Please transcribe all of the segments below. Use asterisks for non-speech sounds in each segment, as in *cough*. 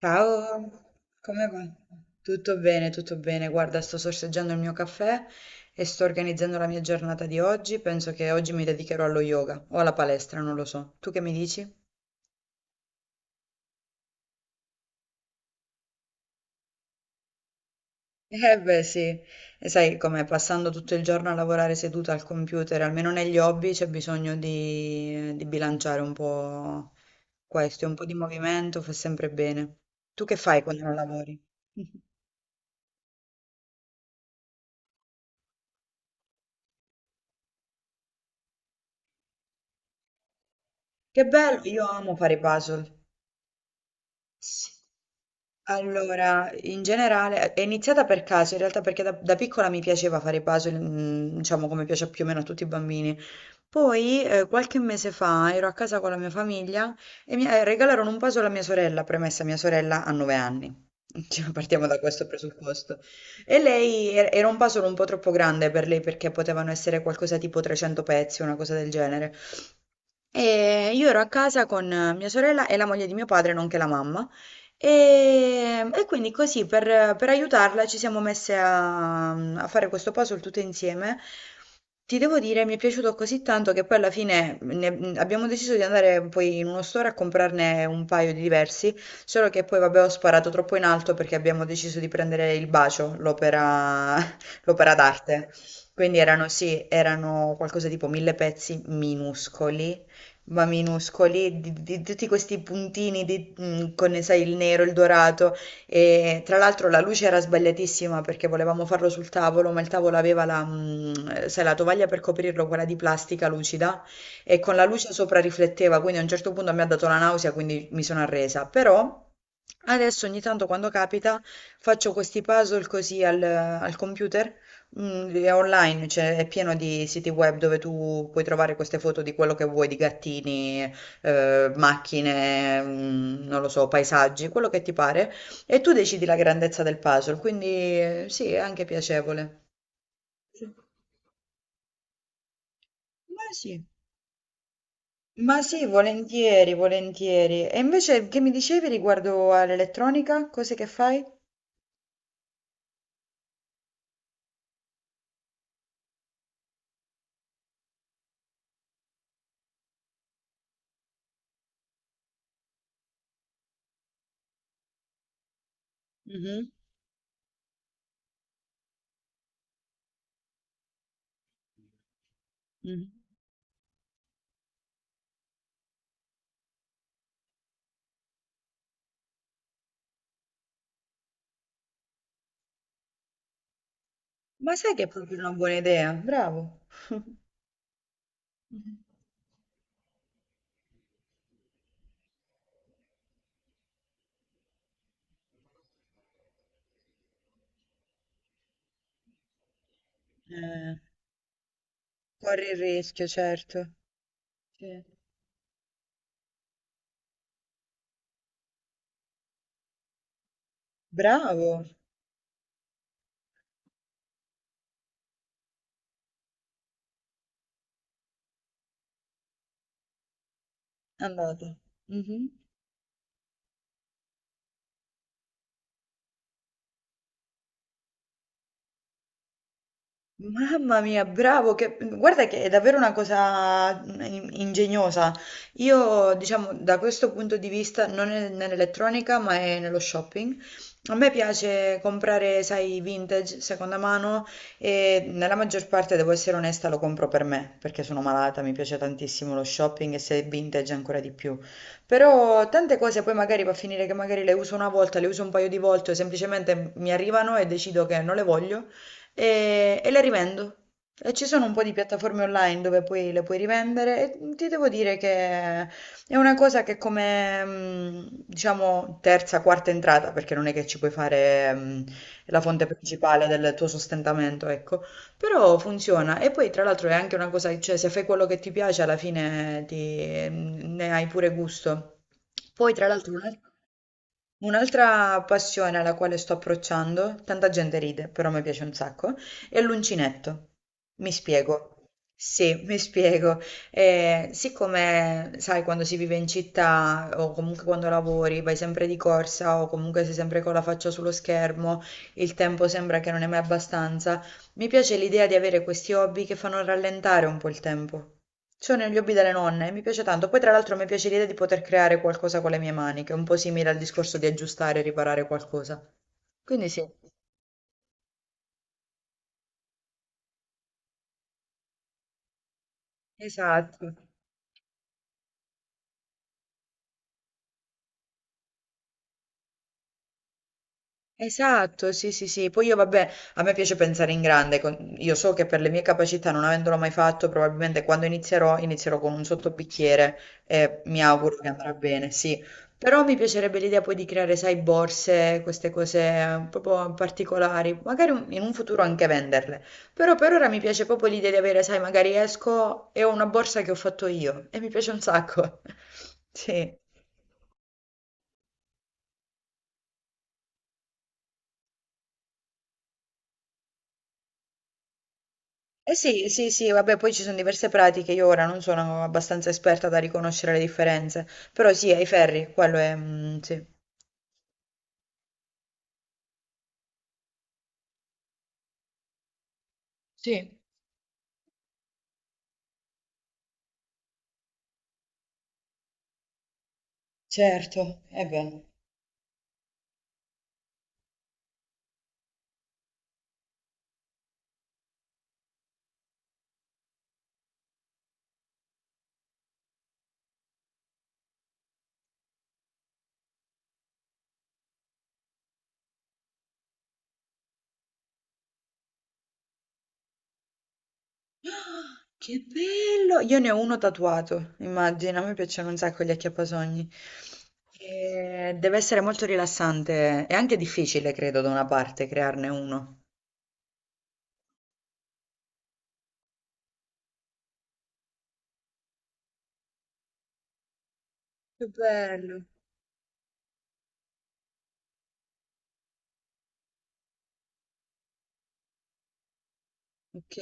Ciao, come va? Tutto bene, tutto bene. Guarda, sto sorseggiando il mio caffè e sto organizzando la mia giornata di oggi. Penso che oggi mi dedicherò allo yoga o alla palestra, non lo so. Tu che mi dici? Eh beh sì, e sai come passando tutto il giorno a lavorare seduta al computer, almeno negli hobby c'è bisogno di bilanciare un po' questo, un po' di movimento fa sempre bene. Tu che fai quando non lavori? *laughs* Che bello, io amo fare i puzzle. Sì. Allora, in generale, è iniziata per caso, in realtà perché da piccola mi piaceva fare i puzzle, diciamo come piace più o meno a tutti i bambini. Poi, qualche mese fa, ero a casa con la mia famiglia e mi regalarono un puzzle a mia sorella, premessa mia sorella ha 9 anni. *laughs* Cioè, partiamo da questo presupposto. E lei era un puzzle un po' troppo grande per lei perché potevano essere qualcosa tipo 300 pezzi, una cosa del genere. E io ero a casa con mia sorella e la moglie di mio padre, nonché la mamma. E quindi così per aiutarla ci siamo messe a, a fare questo puzzle tutte insieme. Ti devo dire, mi è piaciuto così tanto che poi alla fine abbiamo deciso di andare poi in uno store a comprarne un paio di diversi, solo che poi vabbè ho sparato troppo in alto perché abbiamo deciso di prendere il bacio, l'opera *laughs* l'opera d'arte. Quindi erano sì, erano qualcosa tipo 1.000 pezzi minuscoli ma minuscoli, di tutti questi puntini con, sai, il nero, il dorato. E tra l'altro la luce era sbagliatissima perché volevamo farlo sul tavolo, ma il tavolo aveva la, sai, la tovaglia per coprirlo, quella di plastica lucida, e con la luce sopra rifletteva, quindi a un certo punto mi ha dato la nausea, quindi mi sono arresa. Però adesso ogni tanto quando capita faccio questi puzzle così al computer, è online, cioè è pieno di siti web dove tu puoi trovare queste foto di quello che vuoi, di gattini, macchine, non lo so, paesaggi, quello che ti pare, e tu decidi la grandezza del puzzle, quindi sì, è anche piacevole. Sì. Ma sì, ma sì, volentieri, volentieri. E invece che mi dicevi riguardo all'elettronica, cose che fai? Mhm, mhm. Ma sai che è proprio una buona idea? Bravo. Mhm. Eh, corri il rischio, certo. Sì. Bravo. Andato. Mhm. Mamma mia, bravo, guarda che è davvero una cosa ingegnosa. Io, diciamo, da questo punto di vista, non è nell'elettronica, ma è nello shopping. A me piace comprare, sai, vintage, seconda mano e nella maggior parte, devo essere onesta, lo compro per me, perché sono malata, mi piace tantissimo lo shopping e se è vintage ancora di più. Però tante cose poi magari va a finire che magari le uso una volta, le uso un paio di volte, o semplicemente mi arrivano e decido che non le voglio e le rivendo. E ci sono un po' di piattaforme online dove poi le puoi rivendere e ti devo dire che è una cosa che come, diciamo, terza, quarta entrata, perché non è che ci puoi fare, la fonte principale del tuo sostentamento, ecco, però funziona. E poi tra l'altro è anche una cosa, cioè se fai quello che ti piace alla fine ne hai pure gusto. Poi tra l'altro... Un'altra passione alla quale sto approcciando, tanta gente ride, però mi piace un sacco, è l'uncinetto. Mi spiego. Sì, mi spiego. Siccome, sai, quando si vive in città o comunque quando lavori, vai sempre di corsa o comunque sei sempre con la faccia sullo schermo, il tempo sembra che non è mai abbastanza, mi piace l'idea di avere questi hobby che fanno rallentare un po' il tempo. C'ho negli hobby delle nonne, mi piace tanto. Poi tra l'altro mi piace l'idea di poter creare qualcosa con le mie mani, che è un po' simile al discorso di aggiustare e riparare qualcosa. Quindi sì, esatto. Esatto, sì, sì, sì. Poi io, vabbè, a me piace pensare in grande. Io so che per le mie capacità, non avendolo mai fatto, probabilmente quando inizierò, inizierò con un sottobicchiere e mi auguro che andrà bene, sì. Però mi piacerebbe l'idea poi di creare, sai, borse, queste cose proprio particolari, magari in un futuro anche venderle. Però per ora mi piace proprio l'idea di avere, sai, magari esco e ho una borsa che ho fatto io e mi piace un sacco. *laughs* Sì. Eh sì, sì, sì, vabbè, poi ci sono diverse pratiche, io ora non sono abbastanza esperta da riconoscere le differenze, però sì, ai ferri, quello è... sì. Sì. Certo, è bello. Ah, *gasps* che bello! Io ne ho uno tatuato, immagina, a me piacciono un sacco gli acchiappasogni. E deve essere molto rilassante e anche difficile, credo, da una parte, crearne uno. Che bello. Ok.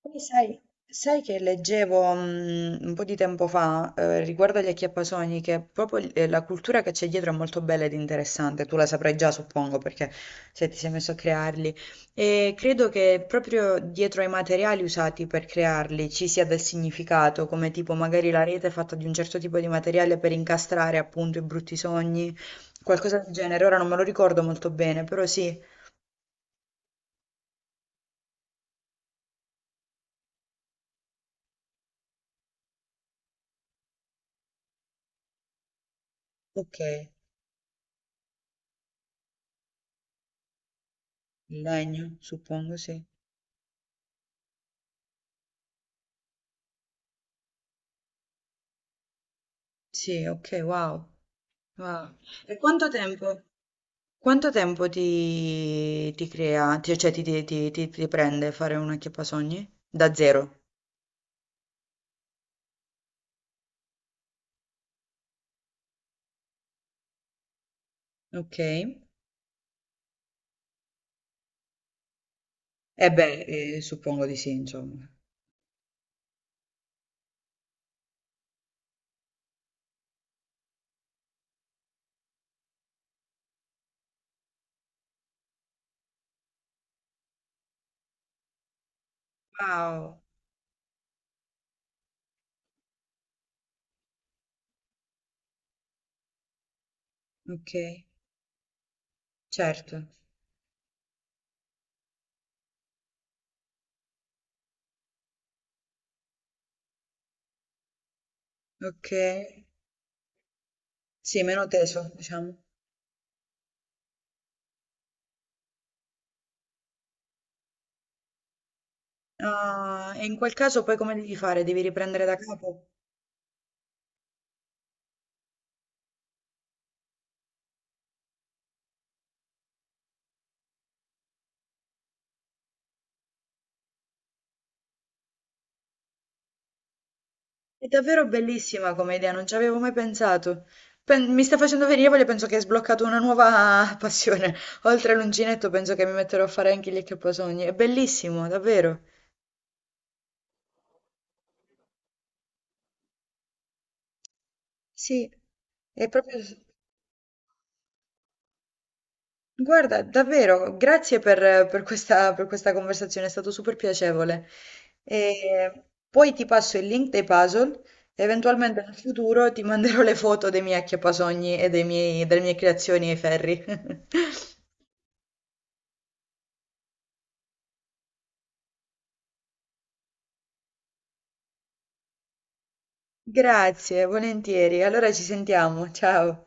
Poi sai, sai che leggevo un po' di tempo fa riguardo agli acchiappasogni che proprio la cultura che c'è dietro è molto bella ed interessante, tu la saprai già suppongo perché se ti sei messo a crearli e credo che proprio dietro ai materiali usati per crearli ci sia del significato, come tipo magari la rete è fatta di un certo tipo di materiale per incastrare appunto i brutti sogni, qualcosa del genere, ora non me lo ricordo molto bene, però sì, ok, il legno suppongo sì. Sì, ok, wow. Ah. E quanto tempo cioè ti prende fare una acchiappasogni? Da zero. Ok. E beh, suppongo di sì, insomma. Wow, ok, certo. Ok. Sì, meno teso, diciamo. Ah, e in quel caso poi come devi fare? Devi riprendere da capo? È davvero bellissima come idea, non ci avevo mai pensato. Mi sta facendo venire voglia, penso che hai sbloccato una nuova *laughs* passione. Oltre all'uncinetto, penso che mi metterò a fare anche gli accaposogni. È bellissimo, davvero. Sì, è proprio... Guarda, davvero, grazie per questa conversazione, è stato super piacevole. E poi ti passo il link dei puzzle. Eventualmente nel futuro ti manderò le foto dei miei acchiappasogni e delle mie creazioni ai ferri. *laughs* Grazie, volentieri. Allora ci sentiamo. Ciao.